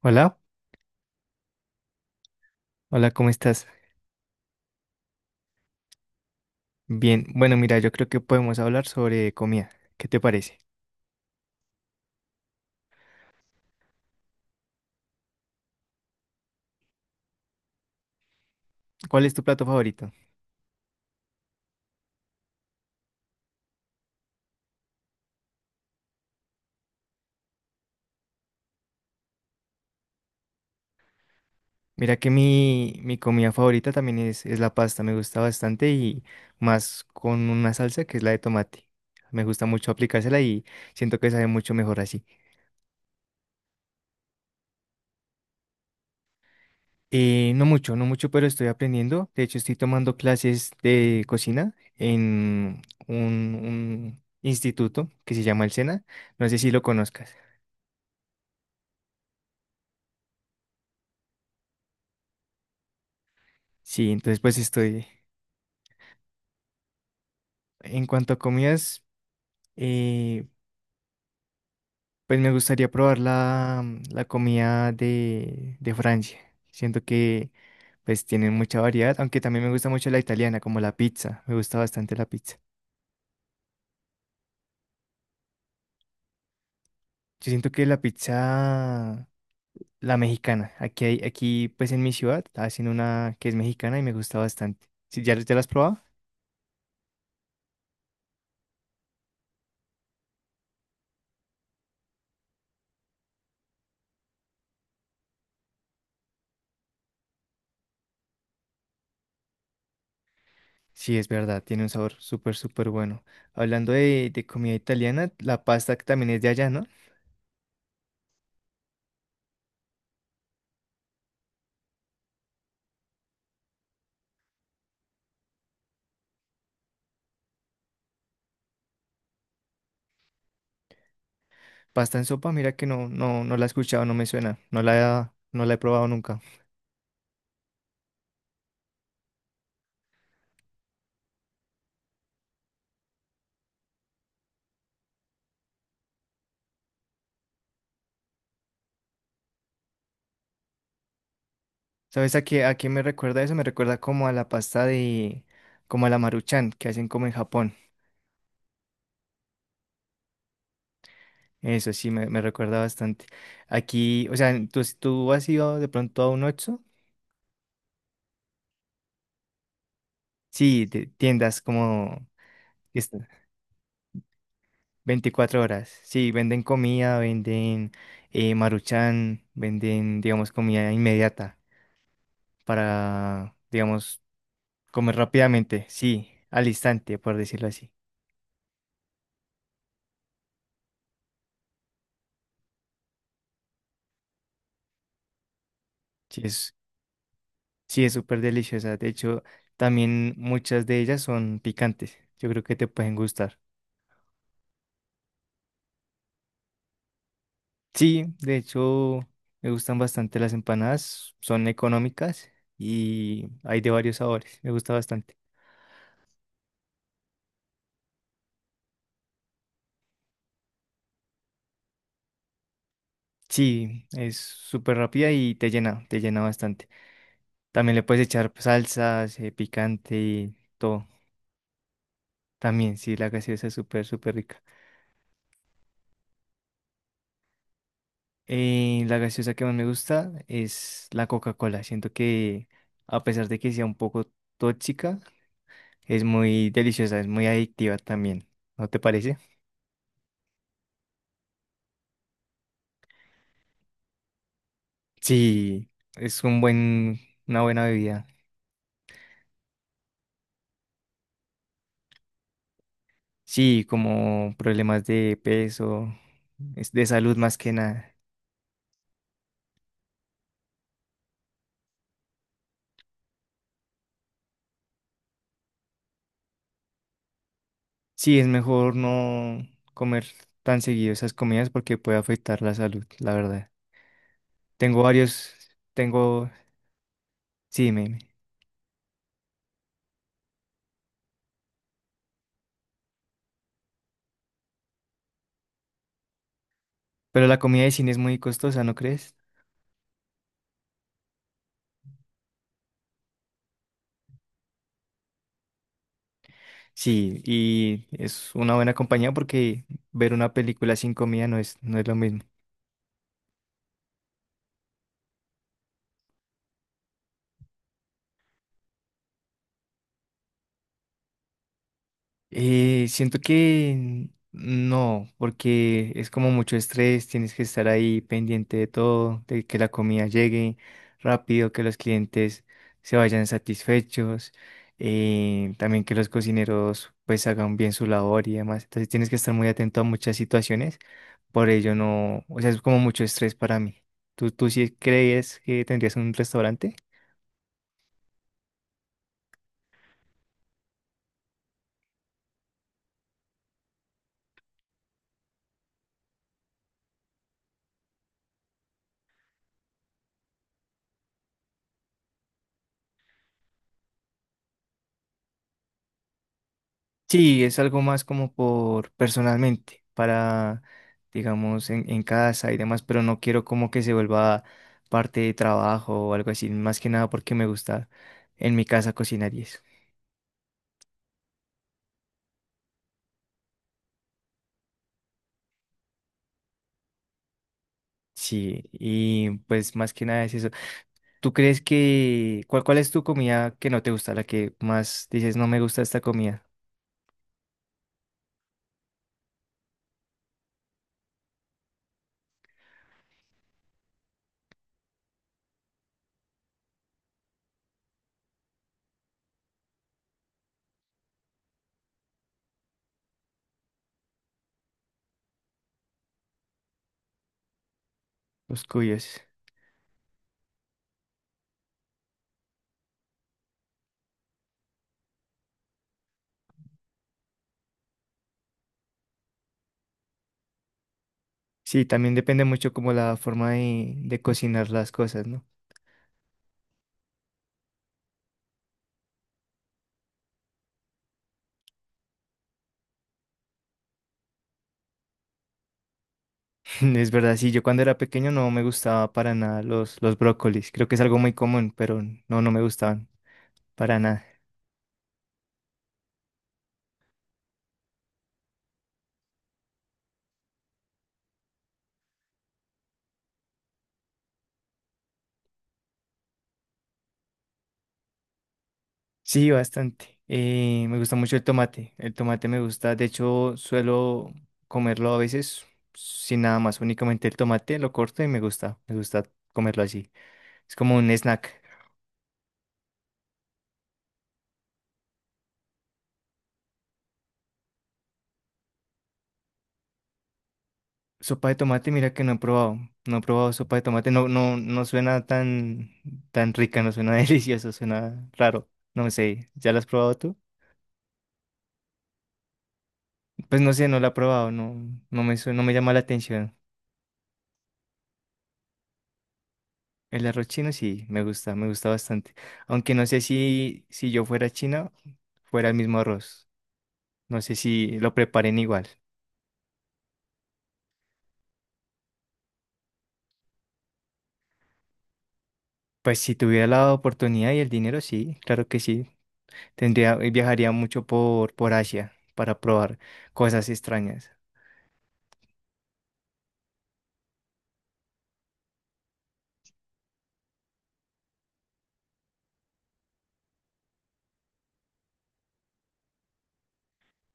Hola, hola, ¿cómo estás? Bien, bueno, mira, yo creo que podemos hablar sobre comida. ¿Qué te parece? ¿Cuál es tu plato favorito? Mira que mi comida favorita también es la pasta, me gusta bastante y más con una salsa que es la de tomate. Me gusta mucho aplicársela y siento que sabe mucho mejor así. No mucho, no mucho, pero estoy aprendiendo. De hecho, estoy tomando clases de cocina en un instituto que se llama el SENA. No sé si lo conozcas. Sí, entonces pues estoy... En cuanto a comidas, eh, pues me gustaría probar la comida de Francia. Siento que pues tienen mucha variedad, aunque también me gusta mucho la italiana, como la pizza. Me gusta bastante la pizza. Yo siento que la pizza, la mexicana, aquí hay, aquí pues en mi ciudad hacen una que es mexicana y me gusta bastante. ¿Sí, ya, ya la has probado? Sí, es verdad, tiene un sabor súper, súper bueno. Hablando de comida italiana, la pasta que también es de allá, ¿no? Pasta en sopa, mira que no, no, no la he escuchado, no me suena, no la, no la he probado nunca. ¿Sabes a qué me recuerda eso? Me recuerda como a la pasta de, como a la maruchan que hacen como en Japón. Eso sí, me recuerda bastante. Aquí, o sea, ¿tú has ido de pronto a un Oxxo? Sí, de tiendas como es- 24 horas. Sí, venden comida, venden maruchan, venden, digamos, comida inmediata para, digamos, comer rápidamente, sí, al instante, por decirlo así. Sí, es, sí, es súper deliciosa. De hecho, también muchas de ellas son picantes. Yo creo que te pueden gustar. Sí, de hecho, me gustan bastante las empanadas. Son económicas y hay de varios sabores. Me gusta bastante. Sí, es súper rápida y te llena bastante. También le puedes echar salsas, picante y todo. También, sí, la gaseosa es súper, súper rica. La gaseosa que más me gusta es la Coca-Cola. Siento que a pesar de que sea un poco tóxica, es muy deliciosa, es muy adictiva también. ¿No te parece? Sí, es un buen, una buena bebida. Sí, como problemas de peso, es de salud más que nada. Sí, es mejor no comer tan seguido esas comidas porque puede afectar la salud, la verdad. Tengo varios, tengo, sí, me, pero la comida de cine es muy costosa, ¿no crees? Sí, y es una buena compañía porque ver una película sin comida no es, no es lo mismo. Siento que no, porque es como mucho estrés, tienes que estar ahí pendiente de todo, de que la comida llegue rápido, que los clientes se vayan satisfechos, también que los cocineros pues hagan bien su labor y demás. Entonces tienes que estar muy atento a muchas situaciones. Por ello no, o sea, es como mucho estrés para mí. ¿Tú sí crees que tendrías un restaurante? Sí, es algo más como por personalmente, para, digamos, en casa y demás, pero no quiero como que se vuelva parte de trabajo o algo así, más que nada porque me gusta en mi casa cocinar y eso. Sí, y pues más que nada es eso. ¿Tú crees que, cuál, cuál es tu comida que no te gusta, la que más dices no me gusta esta comida? Los cuyos. Sí, también depende mucho como la forma de cocinar las cosas, ¿no? Es verdad, sí, yo cuando era pequeño no me gustaba para nada los brócolis. Creo que es algo muy común, pero no, no me gustaban para nada. Sí, bastante. Me gusta mucho el tomate. El tomate me gusta, de hecho, suelo comerlo a veces sin nada más, únicamente el tomate lo corto y me gusta comerlo así. Es como un snack. Sopa de tomate, mira que no he probado. No he probado sopa de tomate. No, no, no suena tan, tan rica, no suena delicioso, suena raro. No sé, ¿ya la has probado tú? Pues no sé, no la he probado, no, no me, no me llama la atención. El arroz chino sí, me gusta bastante. Aunque no sé si, si yo fuera china, fuera el mismo arroz. No sé si lo preparen igual. Pues si tuviera la oportunidad y el dinero, sí, claro que sí. Tendría, viajaría mucho por Asia para probar cosas extrañas.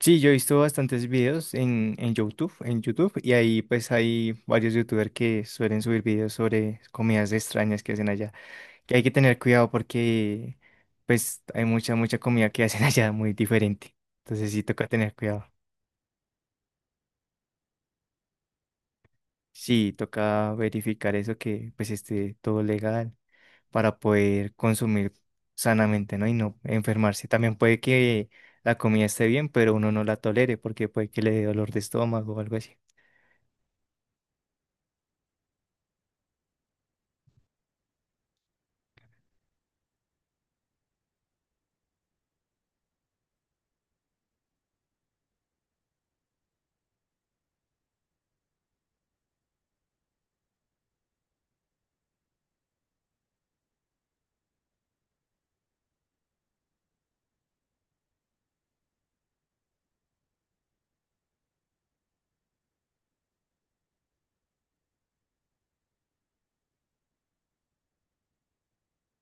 Sí, yo he visto bastantes videos en YouTube, y ahí pues hay varios youtubers que suelen subir videos sobre comidas extrañas que hacen allá, que hay que tener cuidado porque pues hay mucha, mucha comida que hacen allá muy diferente, entonces sí toca tener cuidado. Sí, toca verificar eso que pues esté todo legal para poder consumir sanamente, ¿no? Y no enfermarse. También puede que la comida esté bien, pero uno no la tolere porque puede que le dé dolor de estómago o algo así.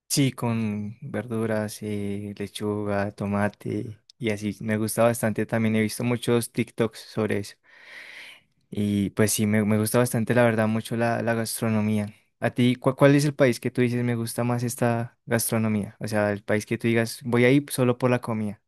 Sí, con verduras, lechuga, tomate y así. Me gusta bastante también. He visto muchos TikToks sobre eso. Y pues sí, me gusta bastante, la verdad, mucho la gastronomía. ¿A ti cuál, es el país que tú dices me gusta más esta gastronomía? O sea, el país que tú digas, voy ahí solo por la comida.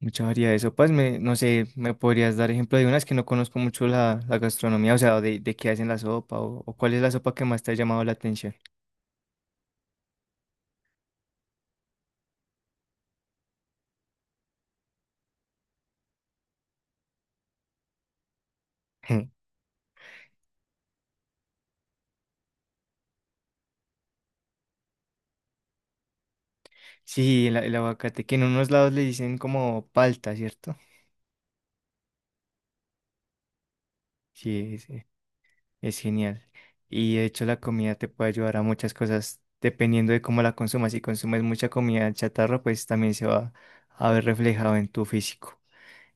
Mucha variedad de sopas, me, no sé, ¿me podrías dar ejemplo de unas que no conozco mucho la gastronomía? O sea, de qué hacen la sopa o cuál es la sopa que más te ha llamado la atención. Sí, el, el aguacate, que en unos lados le dicen como palta, ¿cierto? Sí, es genial. Y de hecho la comida te puede ayudar a muchas cosas dependiendo de cómo la consumas. Si consumes mucha comida chatarra, pues también se va a ver reflejado en tu físico.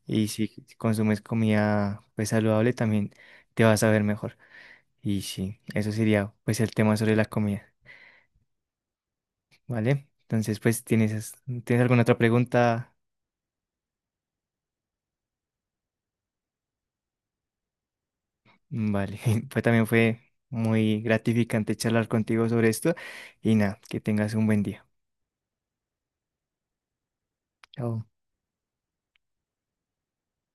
Y si consumes comida pues saludable, también te vas a ver mejor. Y sí, eso sería pues el tema sobre la comida, ¿vale? Entonces, pues, ¿tienes, tienes alguna otra pregunta? Vale, pues también fue muy gratificante charlar contigo sobre esto y nada, que tengas un buen día. Chao.